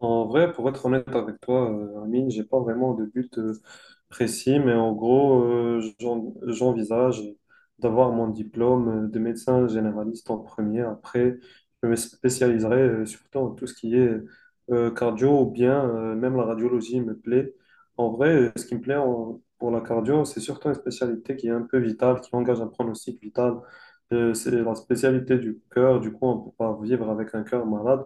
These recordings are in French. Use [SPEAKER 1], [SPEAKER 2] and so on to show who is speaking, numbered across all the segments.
[SPEAKER 1] En vrai, pour être honnête avec toi, Amine, j'ai pas vraiment de but précis, mais en gros, j'envisage d'avoir mon diplôme de médecin généraliste en premier. Après, je me spécialiserai surtout en tout ce qui est cardio ou bien même la radiologie me plaît. En vrai, ce qui me plaît pour la cardio, c'est surtout une spécialité qui est un peu vitale, qui engage un pronostic vital. C'est la spécialité du cœur. Du coup, on peut pas vivre avec un cœur malade.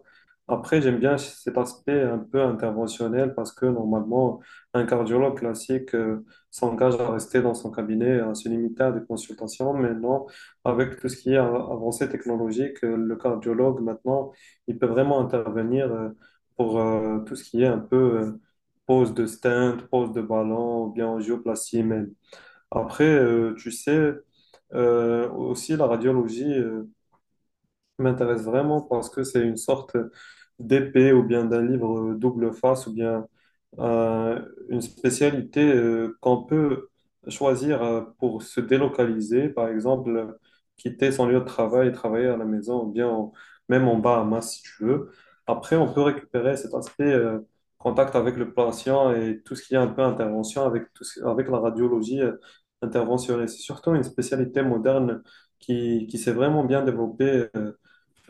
[SPEAKER 1] Après, j'aime bien cet aspect un peu interventionnel parce que normalement, un cardiologue classique s'engage à rester dans son cabinet, à se limiter à des consultations. Mais non, avec tout ce qui est avancée technologique, le cardiologue maintenant, il peut vraiment intervenir pour tout ce qui est un peu pose de stent, pose de ballon, ou bien angioplastie. Mais après, tu sais, aussi la radiologie. M'intéresse vraiment parce que c'est une sorte d'épée ou bien d'un livre double face ou bien euh, une spécialité qu'on peut choisir pour se délocaliser, par exemple, quitter son lieu de travail et travailler à la maison ou bien même en Bahamas si tu veux. Après, on peut récupérer cet aspect contact avec le patient et tout ce qui est un peu intervention avec, avec la radiologie interventionnelle. C'est surtout une spécialité moderne qui s'est vraiment bien développée.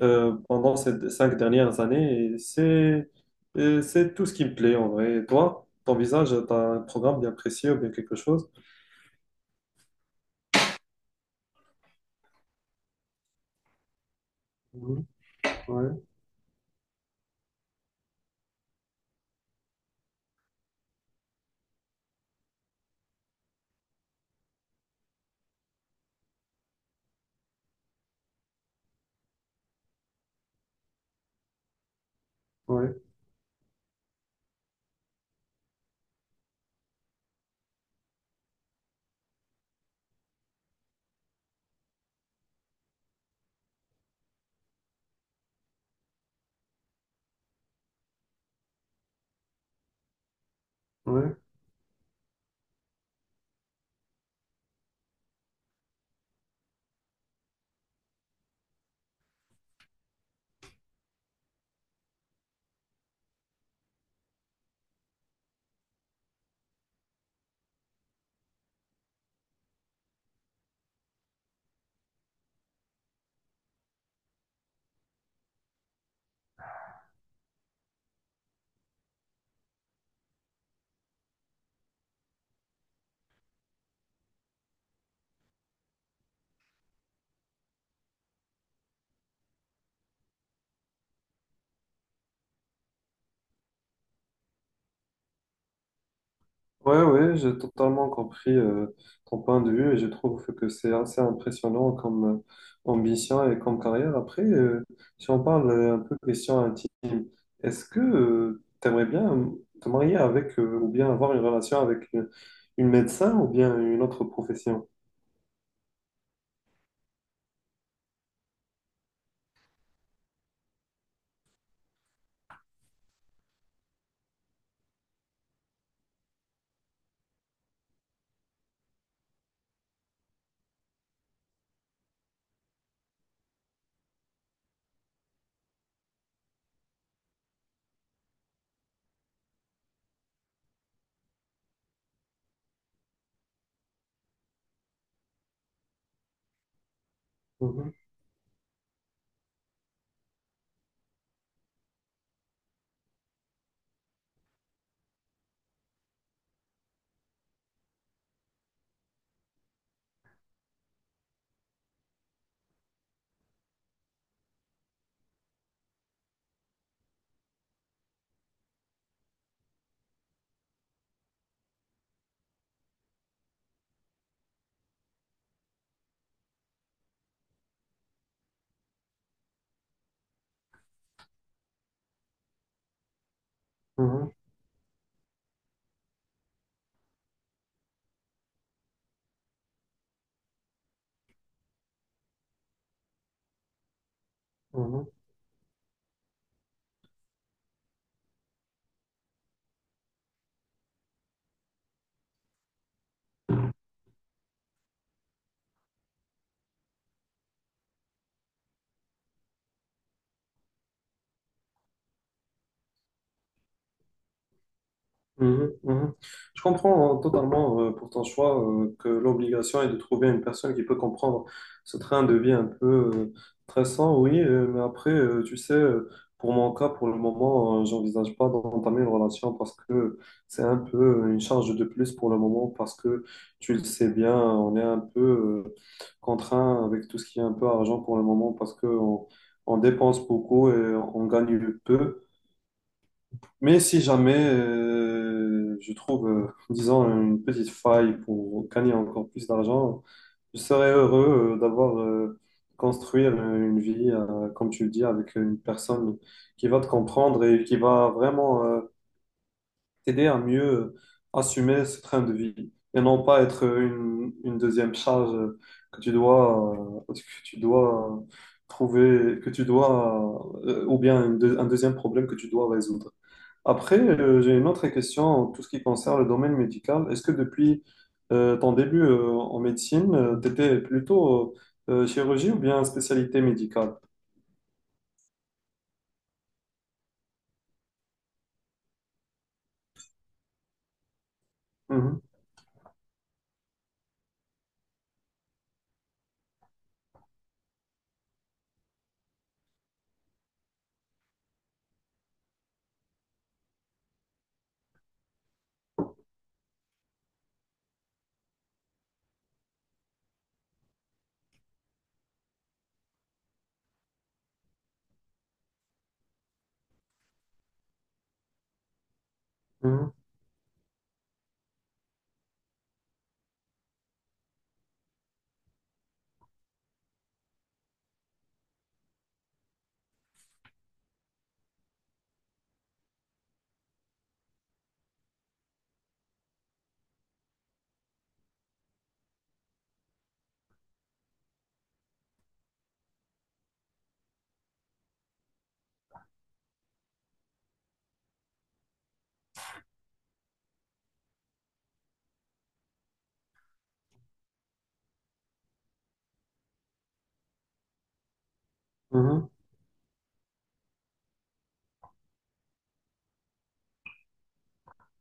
[SPEAKER 1] Pendant ces cinq dernières années. Et c'est tout ce qui me plaît en vrai. Et toi, ton visage, t'as un programme bien précis ou bien quelque chose? Mhm. Ouais, ouais, ouais, ouais, ouais, j'ai totalement compris ton point de vue et je trouve que c'est assez impressionnant comme ambition et comme carrière. Après, si on parle un peu question intime, est-ce que tu aimerais bien te marier avec ou bien avoir une relation avec une médecin ou bien une autre profession? Mhm. Mhm. Mhm, mhm, mhm. Je comprends totalement pour ton choix que l'obligation est de trouver une personne qui peut comprendre ce train de vie un peu euh, stressant, oui, mais après, tu sais, pour mon cas, pour le moment, j'envisage pas d'entamer une relation parce que c'est un peu une charge de plus pour le moment, parce que tu le sais bien, on est un peu euh, contraint avec tout ce qui est un peu argent pour le moment, parce que on dépense beaucoup et on gagne peu. Mais si jamais je trouve, disons, une petite faille pour gagner encore plus d'argent, je serais heureux d'avoir construire une vie, comme tu le dis, avec une personne qui va te comprendre et qui va vraiment t'aider à mieux assumer ce train de vie et non pas être une deuxième charge que tu dois trouver, ou bien une un deuxième problème que tu dois résoudre. Après, j'ai une autre question en tout ce qui concerne le domaine médical. Est-ce que depuis ton début en médecine, tu étais plutôt chirurgie ou bien spécialité médicale? Mhm, mhm, mhm.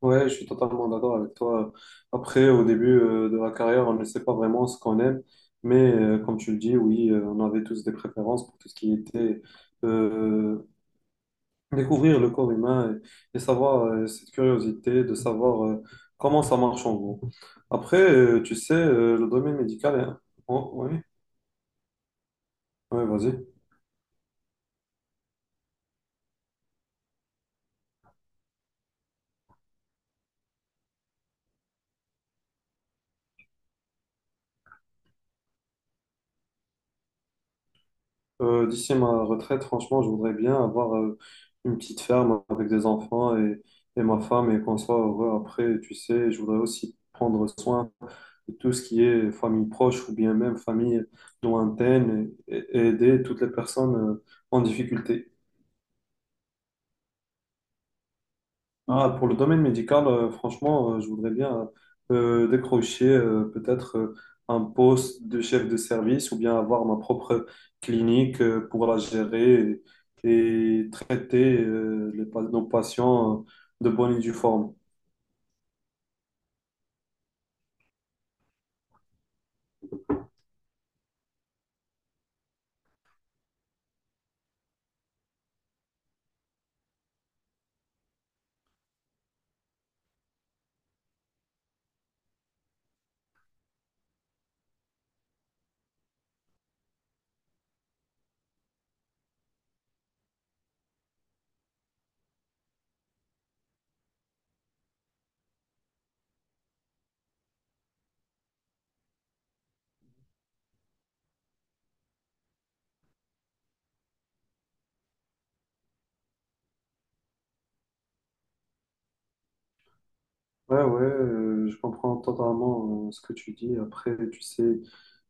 [SPEAKER 1] Ouais, je suis totalement d'accord avec toi. Après, au début de la carrière, on ne sait pas vraiment ce qu'on aime, mais comme tu le dis, oui, on avait tous des préférences pour tout ce qui était euh, Découvrir le corps humain et savoir cette curiosité de savoir comment ça marche en gros. Après, tu sais, le domaine médical est... Oh, oui, ouais, vas-y. D'ici ma retraite, franchement, je voudrais bien avoir une petite ferme avec des enfants et ma femme et qu'on soit heureux après, tu sais. Je voudrais aussi prendre soin de tout ce qui est famille proche ou bien même famille lointaine et aider toutes les personnes en difficulté. Ah, pour le domaine médical, franchement, je voudrais bien décrocher peut-être un poste de chef de service ou bien avoir ma propre clinique pour la gérer et traiter nos patients de bonne et due forme. Ouais, ouais, je comprends totalement ce que tu dis. Après, tu sais,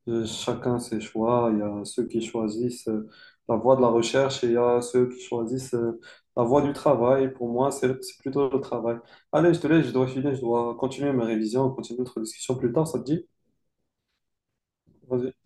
[SPEAKER 1] chacun ses choix. Il y a ceux qui choisissent la voie de la recherche et il y a ceux qui choisissent la voie du travail. Pour moi, c'est plutôt le travail. Allez, je te laisse, je dois filer, je dois continuer mes révisions, continuer notre discussion plus tard, ça te dit? Vas-y.